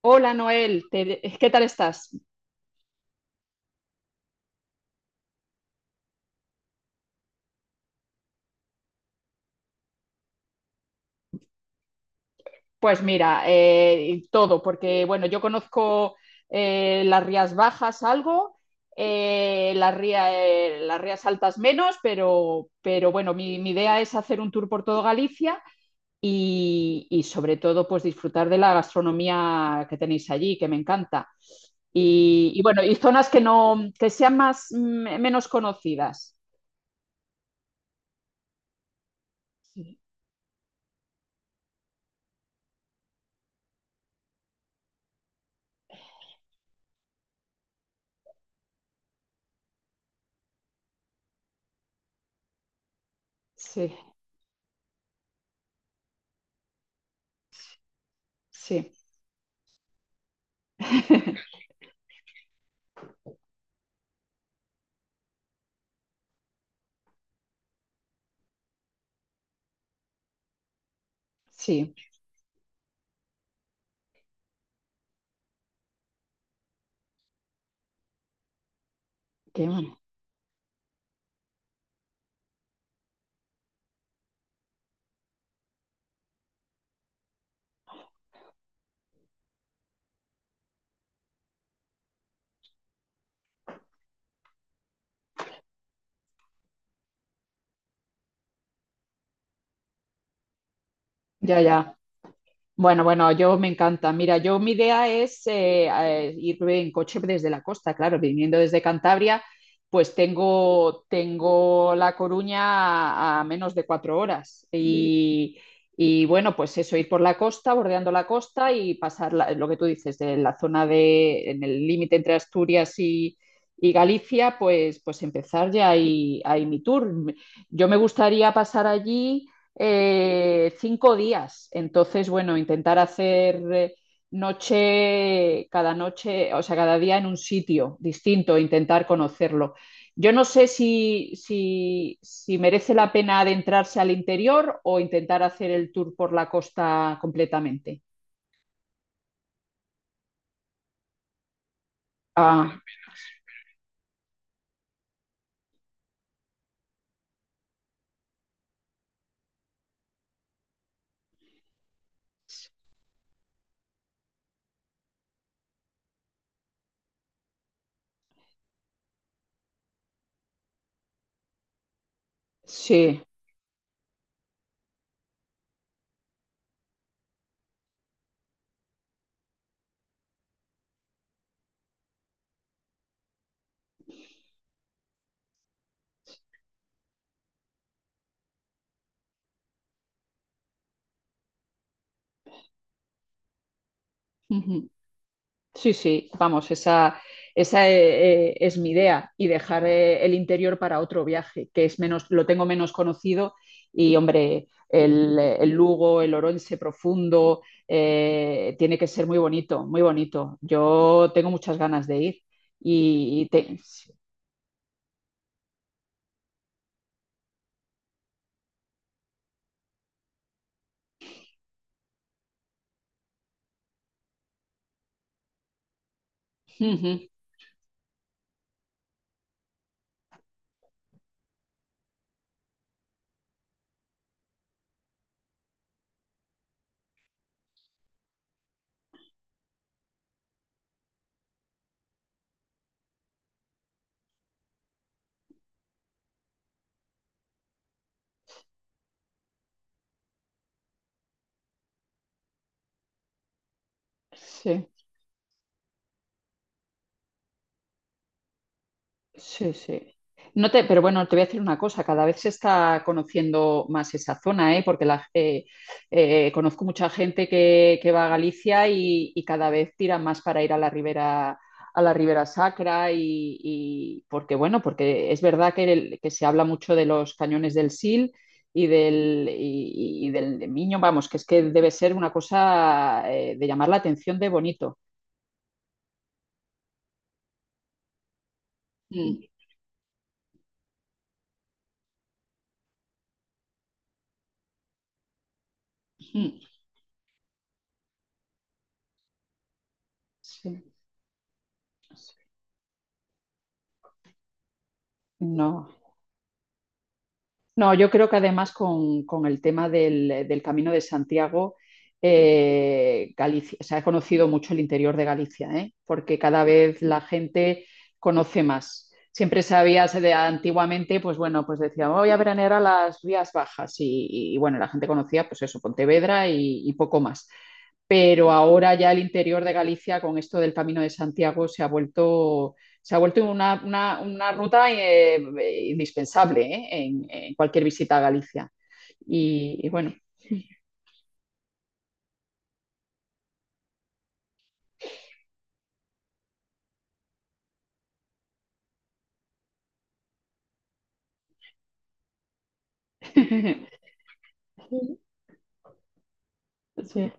Hola Noel, ¿qué tal estás? Pues mira, todo, porque bueno, yo conozco las Rías Bajas algo, las Rías Altas menos, pero bueno, mi idea es hacer un tour por todo Galicia y sobre todo pues disfrutar de la gastronomía que tenéis allí, que me encanta. Y bueno, y zonas que no, que sean más, menos conocidas. Sí, sí, sí. Sí, qué bueno. Ya, ya. Bueno, bueno, yo me encanta. Mira, yo mi idea es ir en coche desde la costa, claro, viniendo desde Cantabria, pues tengo La Coruña a menos de cuatro horas. Y bueno, pues eso, ir por la costa, bordeando la costa y pasar lo que tú dices, de la zona de, en el límite entre Asturias y Galicia, pues empezar ya ahí, ahí mi tour. Yo me gustaría pasar allí cinco días. Entonces, bueno, intentar hacer noche, cada noche, o sea, cada día en un sitio distinto, intentar conocerlo. Yo no sé si merece la pena adentrarse al interior o intentar hacer el tour por la costa completamente. Ah, sí. Ujú. Sí, sí, vamos, esa es mi idea y dejar el interior para otro viaje, que es menos, lo tengo menos conocido y hombre, el Lugo, el Orense profundo, tiene que ser muy bonito, muy bonito. Yo tengo muchas ganas de ir y, y te- Ujú, Sí. Sí, sí. No te, pero bueno, te voy a decir una cosa, cada vez se está conociendo más esa zona, ¿eh? Porque conozco mucha gente que va a Galicia y cada vez tiran más para ir a la Ribera Sacra y porque bueno, porque es verdad que, que se habla mucho de los cañones del Sil y y del de Miño, vamos, que es que debe ser una cosa de llamar la atención de bonito. Mm, mm. Sí. No. No, yo creo que además con el tema del Camino de Santiago, Galicia, se ha conocido mucho el interior de Galicia, ¿eh? Porque cada vez la gente conoce más. Siempre sabías de antiguamente, pues bueno, pues decía, voy a veranear a las vías bajas y bueno, la gente conocía pues eso, Pontevedra y poco más, pero ahora ya el interior de Galicia con esto del Camino de Santiago se ha vuelto una ruta indispensable, ¿eh? Cualquier visita a Galicia. Y, y bueno, sí.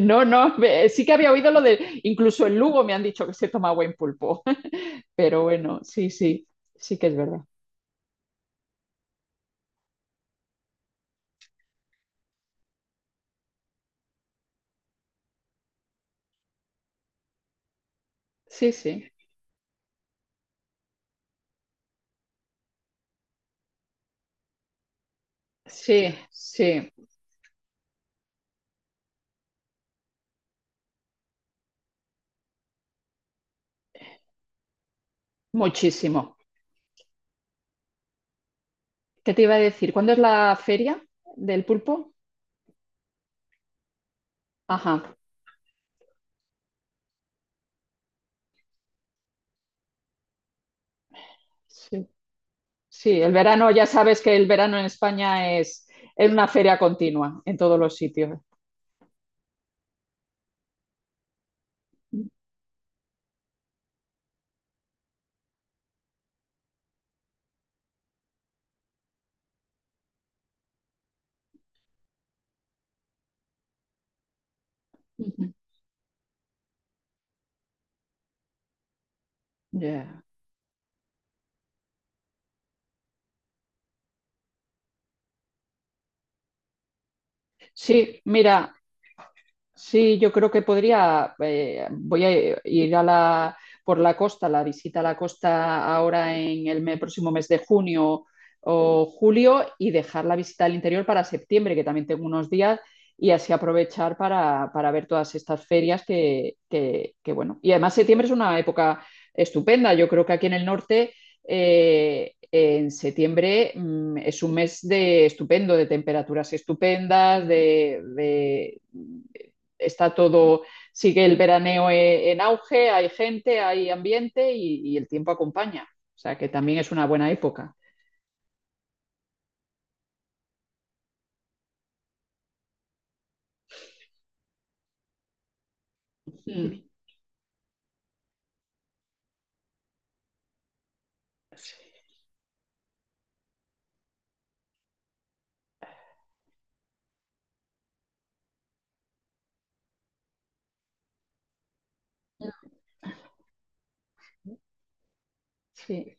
No, no, sí que había oído lo de, incluso en Lugo me han dicho que se toma buen pulpo, pero bueno, sí, sí, sí que es verdad. Sí, sí, sí, sí, muchísimo. ¿Qué te iba a decir? ¿Cuándo es la feria del pulpo? Ajá, sí. Sí, el verano, ya sabes que el verano en España es una feria continua en todos los sitios. Ujú. Ya. Sí, mira, sí, yo creo que podría, voy a ir a por la costa, la visita a la costa ahora en el próximo mes de junio o julio y dejar la visita al interior para septiembre, que también tengo unos días, y así aprovechar para ver todas estas ferias bueno. Y además septiembre es una época estupenda. Yo creo que aquí en el norte, en septiembre, es un mes de estupendo, de temperaturas estupendas, está todo, sigue el veraneo en auge, hay gente, hay ambiente y el tiempo acompaña. O sea que también es una buena época. Sí. Sí.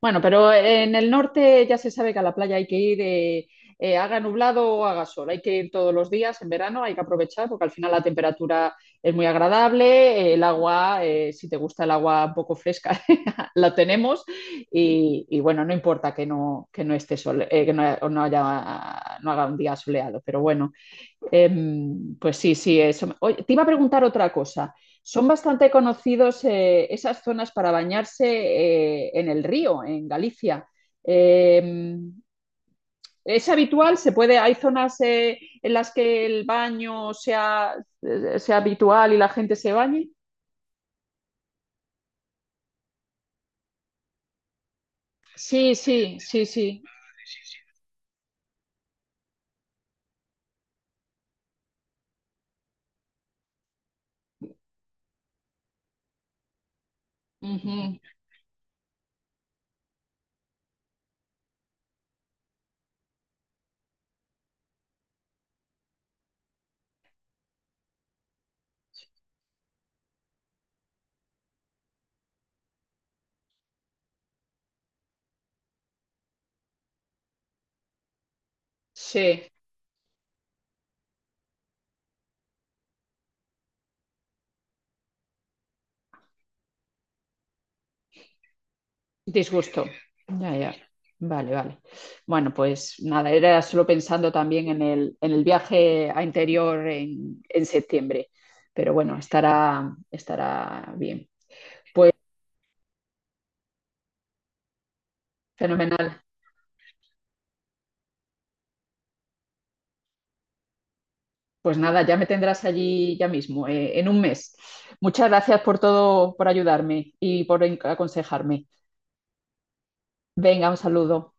Bueno, pero en el norte ya se sabe que a la playa hay que ir, haga nublado o haga sol, hay que ir todos los días en verano, hay que aprovechar porque al final la temperatura es muy agradable, el agua, si te gusta el agua un poco fresca, la tenemos y bueno, no importa que no esté sol, que no, no haya, no haga un día soleado, pero bueno. Eh, pues sí, sí, eso. Oye, te iba a preguntar otra cosa. ¿Son bastante conocidos esas zonas para bañarse en el río, en Galicia? Eh, ¿Es habitual? ¿Se puede? ¿Hay zonas en las que el baño sea, sea habitual y la gente se bañe? Sí, sí, sí, sí. Ujú, sí. Disgusto. Ya, ya. Vale, vale. Bueno, pues nada, era solo pensando también en en el viaje a interior en septiembre. Pero bueno, estará bien. Fenomenal. Pues nada, ya me tendrás allí ya mismo, en un mes. Muchas gracias por todo, por ayudarme y por aconsejarme. Venga, un saludo.